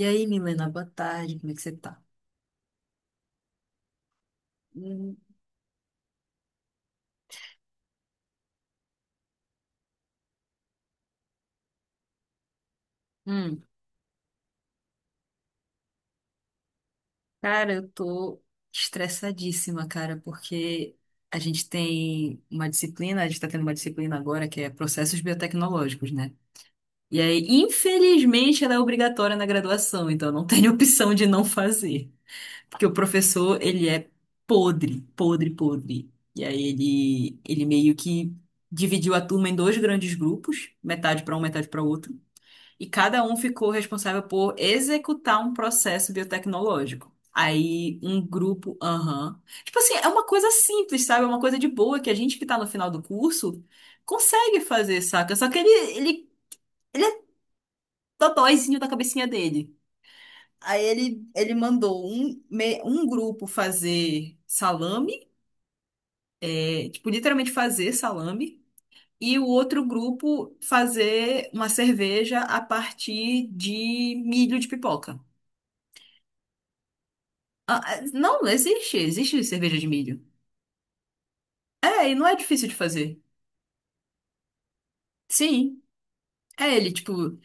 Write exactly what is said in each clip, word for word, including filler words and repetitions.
E aí, Milena, boa tarde, como é que você tá? Hum, hum. Cara, eu tô estressadíssima, cara, porque a gente tem uma disciplina, a gente tá tendo uma disciplina agora que é processos biotecnológicos, né? E aí, infelizmente, ela é obrigatória na graduação, então não tem opção de não fazer. Porque o professor, ele é podre, podre, podre. E aí ele, ele meio que dividiu a turma em dois grandes grupos, metade para um, metade para outro. E cada um ficou responsável por executar um processo biotecnológico. Aí um grupo, aham. Tipo assim, é uma coisa simples, sabe? É uma coisa de boa que a gente que tá no final do curso consegue fazer, saca? Só que ele, ele, ele é dodóizinho da cabecinha dele. Aí ele, ele mandou um, me- um grupo fazer salame, é, tipo, literalmente fazer salame, e o outro grupo fazer uma cerveja a partir de milho de pipoca. Ah, ah, não, existe, existe cerveja de milho. É, e não é difícil de fazer. Sim, é ele, tipo,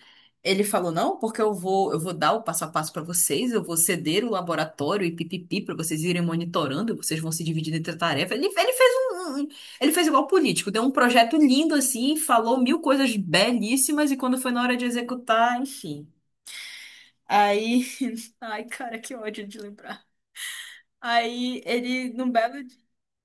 ele falou não, porque eu vou, eu vou dar o passo a passo pra vocês, eu vou ceder o laboratório e pipipi pra vocês irem monitorando, vocês vão se dividindo entre a tarefa. Ele, ele fez um, um- um, ele fez igual político, deu um projeto lindo assim, falou mil coisas belíssimas e quando foi na hora de executar, enfim. Aí, ai, cara, que ódio de lembrar. Aí ele, num belo...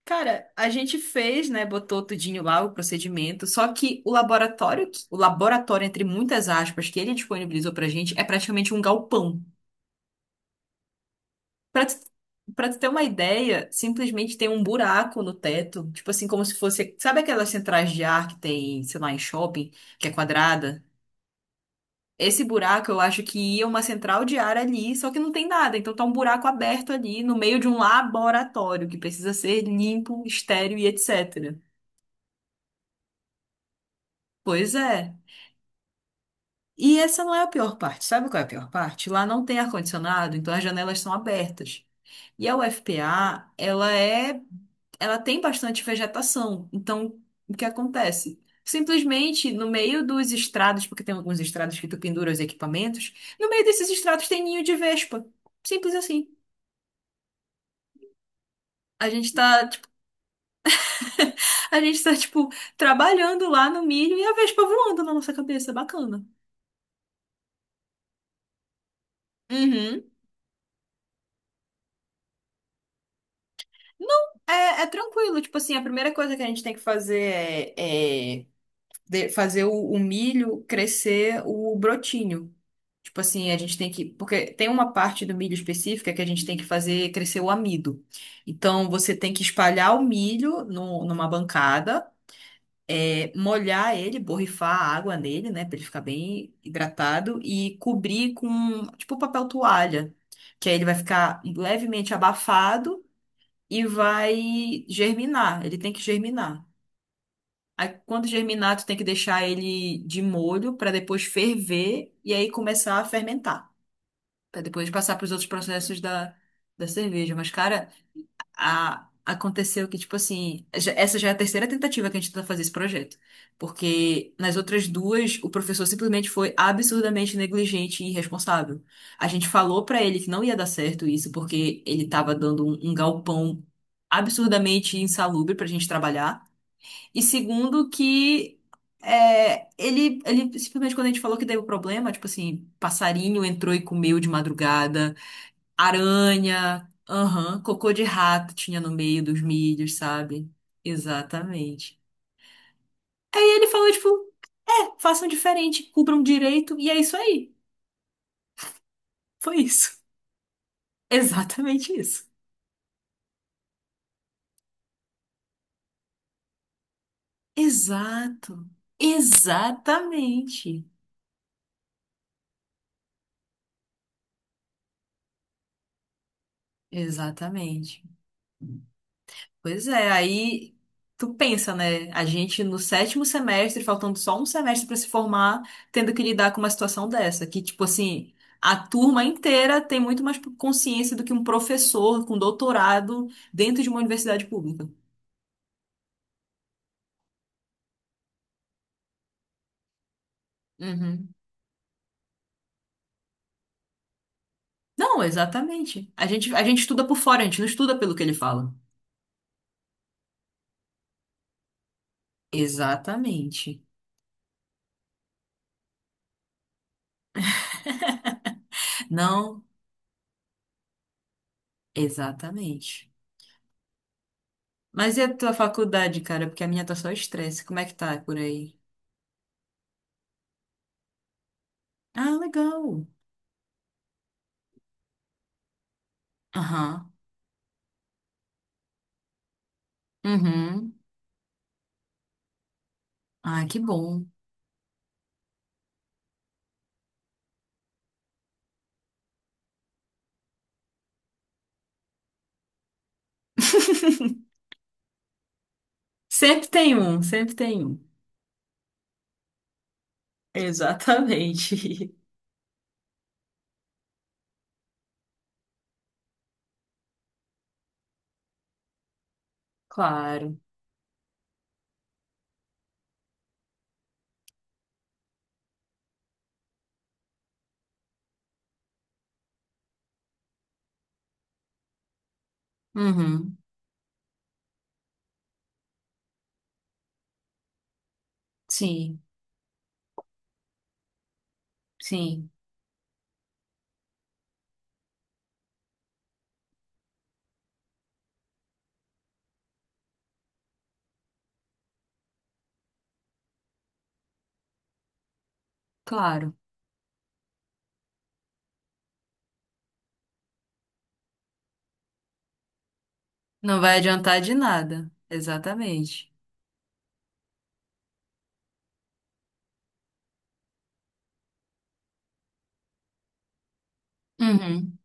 Cara, a gente fez, né? Botou tudinho lá o procedimento, só que o laboratório, que- o laboratório, entre muitas aspas, que ele disponibilizou pra gente, é praticamente um galpão. Pra tu, pra tu ter uma ideia, simplesmente tem um buraco no teto, tipo assim, como se fosse. Sabe aquelas centrais de ar que tem, sei lá, em shopping, que é quadrada? Esse buraco, eu acho que ia uma central de ar ali, só que não tem nada. Então tá um buraco aberto ali no meio de um laboratório que precisa ser limpo, estéril e etcétera. Pois é. E essa não é a pior parte. Sabe qual é a pior parte? Lá não tem ar-condicionado, então as janelas são abertas. E a U F P A, ela é, ela tem bastante vegetação. Então, o que acontece? Simplesmente no meio dos estrados, porque tem alguns estrados que tu pendura os equipamentos, no meio desses estrados tem ninho de vespa. Simples assim. A gente tá, tipo, a gente tá, tipo, trabalhando lá no milho e a vespa voando na nossa cabeça. Bacana. Uhum. Não, é, é tranquilo. Tipo assim, a primeira coisa que a gente tem que fazer é, é de- fazer o, o milho crescer o brotinho. Tipo assim, a gente tem que... Porque tem uma parte do milho específica que a gente tem que fazer crescer o amido. Então, você tem que espalhar o milho no- numa bancada, é, molhar ele, borrifar a água nele, né, pra ele ficar bem hidratado, e cobrir com, tipo, papel toalha. Que aí ele vai ficar levemente abafado e vai germinar. Ele tem que germinar. Aí, quando germinar, tu tem que deixar ele de molho para depois ferver e aí começar a fermentar, para depois passar para os outros processos da, da cerveja. Mas, cara, a- aconteceu que, tipo assim, já- essa já é a terceira tentativa que a gente tenta fazer esse projeto. Porque nas outras duas, o professor simplesmente foi absurdamente negligente e irresponsável. A gente falou pra ele que não ia dar certo isso, porque ele tava dando um, um galpão absurdamente insalubre pra gente trabalhar. E segundo, que... é, ele, ele simplesmente quando a gente falou que deu problema, tipo assim, passarinho entrou e comeu de madrugada. Aranha, aham, cocô de rato tinha no meio dos milhos, sabe? Exatamente. E ele falou, tipo, é, façam diferente, cubram direito, e é isso aí. Foi isso. Exatamente isso. Exato. Exatamente. Exatamente. Pois é, aí tu pensa, né? A gente no sétimo semestre, faltando só um semestre pra se formar, tendo que lidar com uma situação dessa, que tipo assim, a turma inteira tem muito mais consciência do que um professor com doutorado dentro de uma universidade pública. Uhum. Não, exatamente. A gente, a gente estuda por fora, a gente não estuda pelo que ele fala. Exatamente. Não, exatamente. Mas e a tua faculdade, cara? Porque a minha tá só estresse. Como é que tá por aí? Ah, legal. Aham. Uhum. Ah, que bom. Sempre tem um, sempre tem um. Exatamente. Claro. Uhum. Sim, sim, claro. Não vai adiantar de nada. Exatamente. Uhum.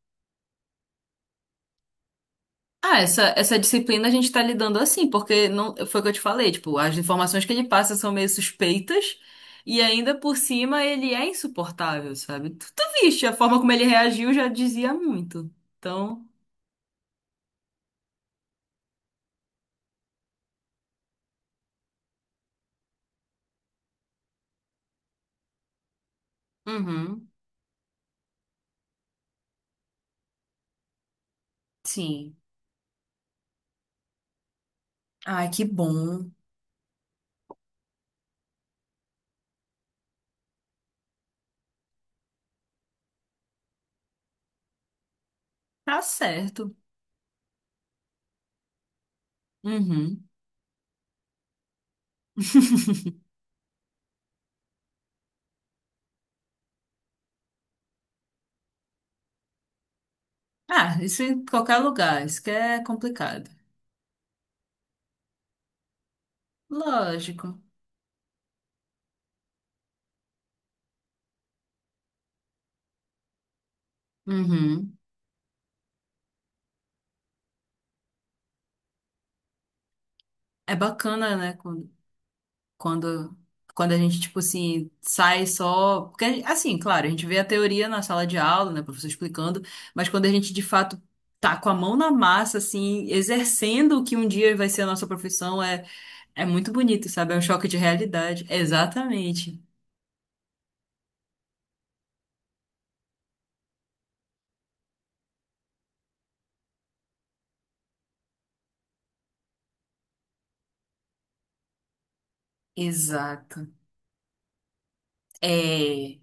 Ah, essa, essa disciplina a gente tá lidando assim, porque não, foi o que eu te falei, tipo, as informações que ele passa são meio suspeitas e ainda por cima ele é insuportável, sabe? Tu, tu viste, a forma como ele reagiu já dizia muito. Então, uhum. Sim. Ai, que bom. Tá certo. Uhum. Ah, isso em qualquer lugar, isso que é complicado. Lógico. Uhum. É bacana, né? Quando, quando, quando a gente, tipo assim, sai só. Porque, a gen- assim, claro, a gente vê a teoria na sala de aula, né? O professor explicando, mas quando a gente de fato tá com a mão na massa, assim, exercendo o que um dia vai ser a nossa profissão, é, é muito bonito, sabe? É um choque de realidade. Exatamente. Exato. É.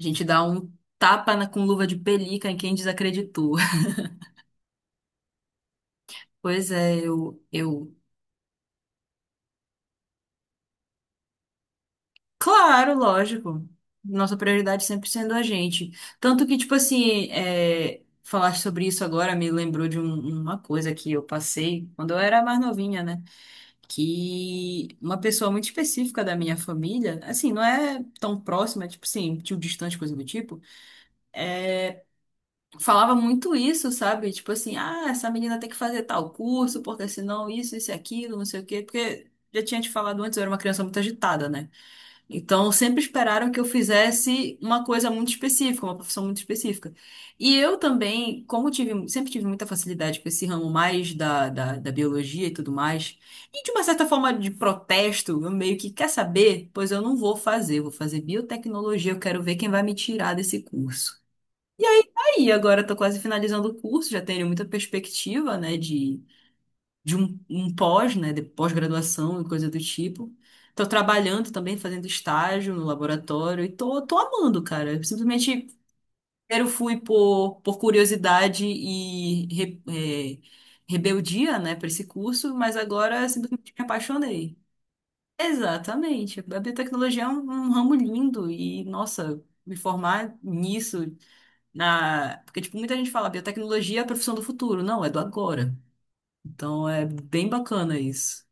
A gente dá um tapa na- com luva de pelica em quem desacreditou. Pois é, eu, eu. Claro, lógico. Nossa prioridade sempre sendo a gente. Tanto que, tipo assim, é, falar sobre isso agora me lembrou de um- uma coisa que eu passei quando eu era mais novinha, né? Que uma pessoa muito específica da minha família, assim, não é tão próxima, tipo assim, tio distante, coisa do tipo é, falava muito isso, sabe? Tipo assim, ah, essa menina tem que fazer tal curso, porque senão isso, isso e aquilo, não sei o quê, porque já tinha te falado antes, eu era uma criança muito agitada, né? Então sempre esperaram que eu fizesse uma coisa muito específica, uma profissão muito específica. E eu também, como tive, sempre tive muita facilidade com esse ramo mais da, da, da biologia e tudo mais, e de uma certa forma de protesto, eu meio que quer saber, pois eu não vou fazer, eu vou fazer biotecnologia, eu quero ver quem vai me tirar desse curso. E agora estou quase finalizando o curso, já tenho muita perspectiva, né, de, de um, um pós, né, de pós-graduação e coisa do tipo. Estou trabalhando também, fazendo estágio no laboratório e tô, tô amando, cara. Eu simplesmente primeiro fui por, por curiosidade e re- eh, rebeldia, né, para esse curso, mas agora simplesmente me apaixonei. Exatamente. A biotecnologia é um, um ramo lindo e, nossa, me formar nisso na... Porque, tipo, muita gente fala, biotecnologia é a profissão do futuro. Não, é do agora. Então, é bem bacana isso.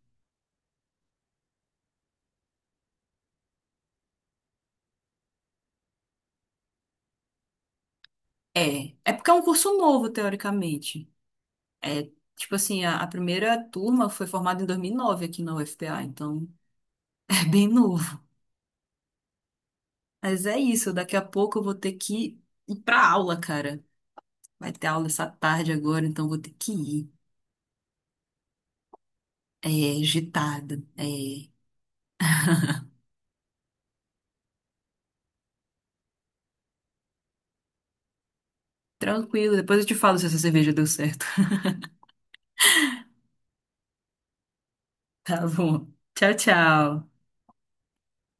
É, é porque é um curso novo, teoricamente. É, tipo assim, a, a primeira turma foi formada em dois mil e nove aqui na U F P A, então é bem novo. Mas é isso, daqui a pouco eu vou ter que ir pra aula, cara. Vai ter aula essa tarde agora, então vou ter que ir. É, agitada. É, tranquilo, depois eu te falo se essa cerveja deu certo. Tá bom. Tchau, tchau.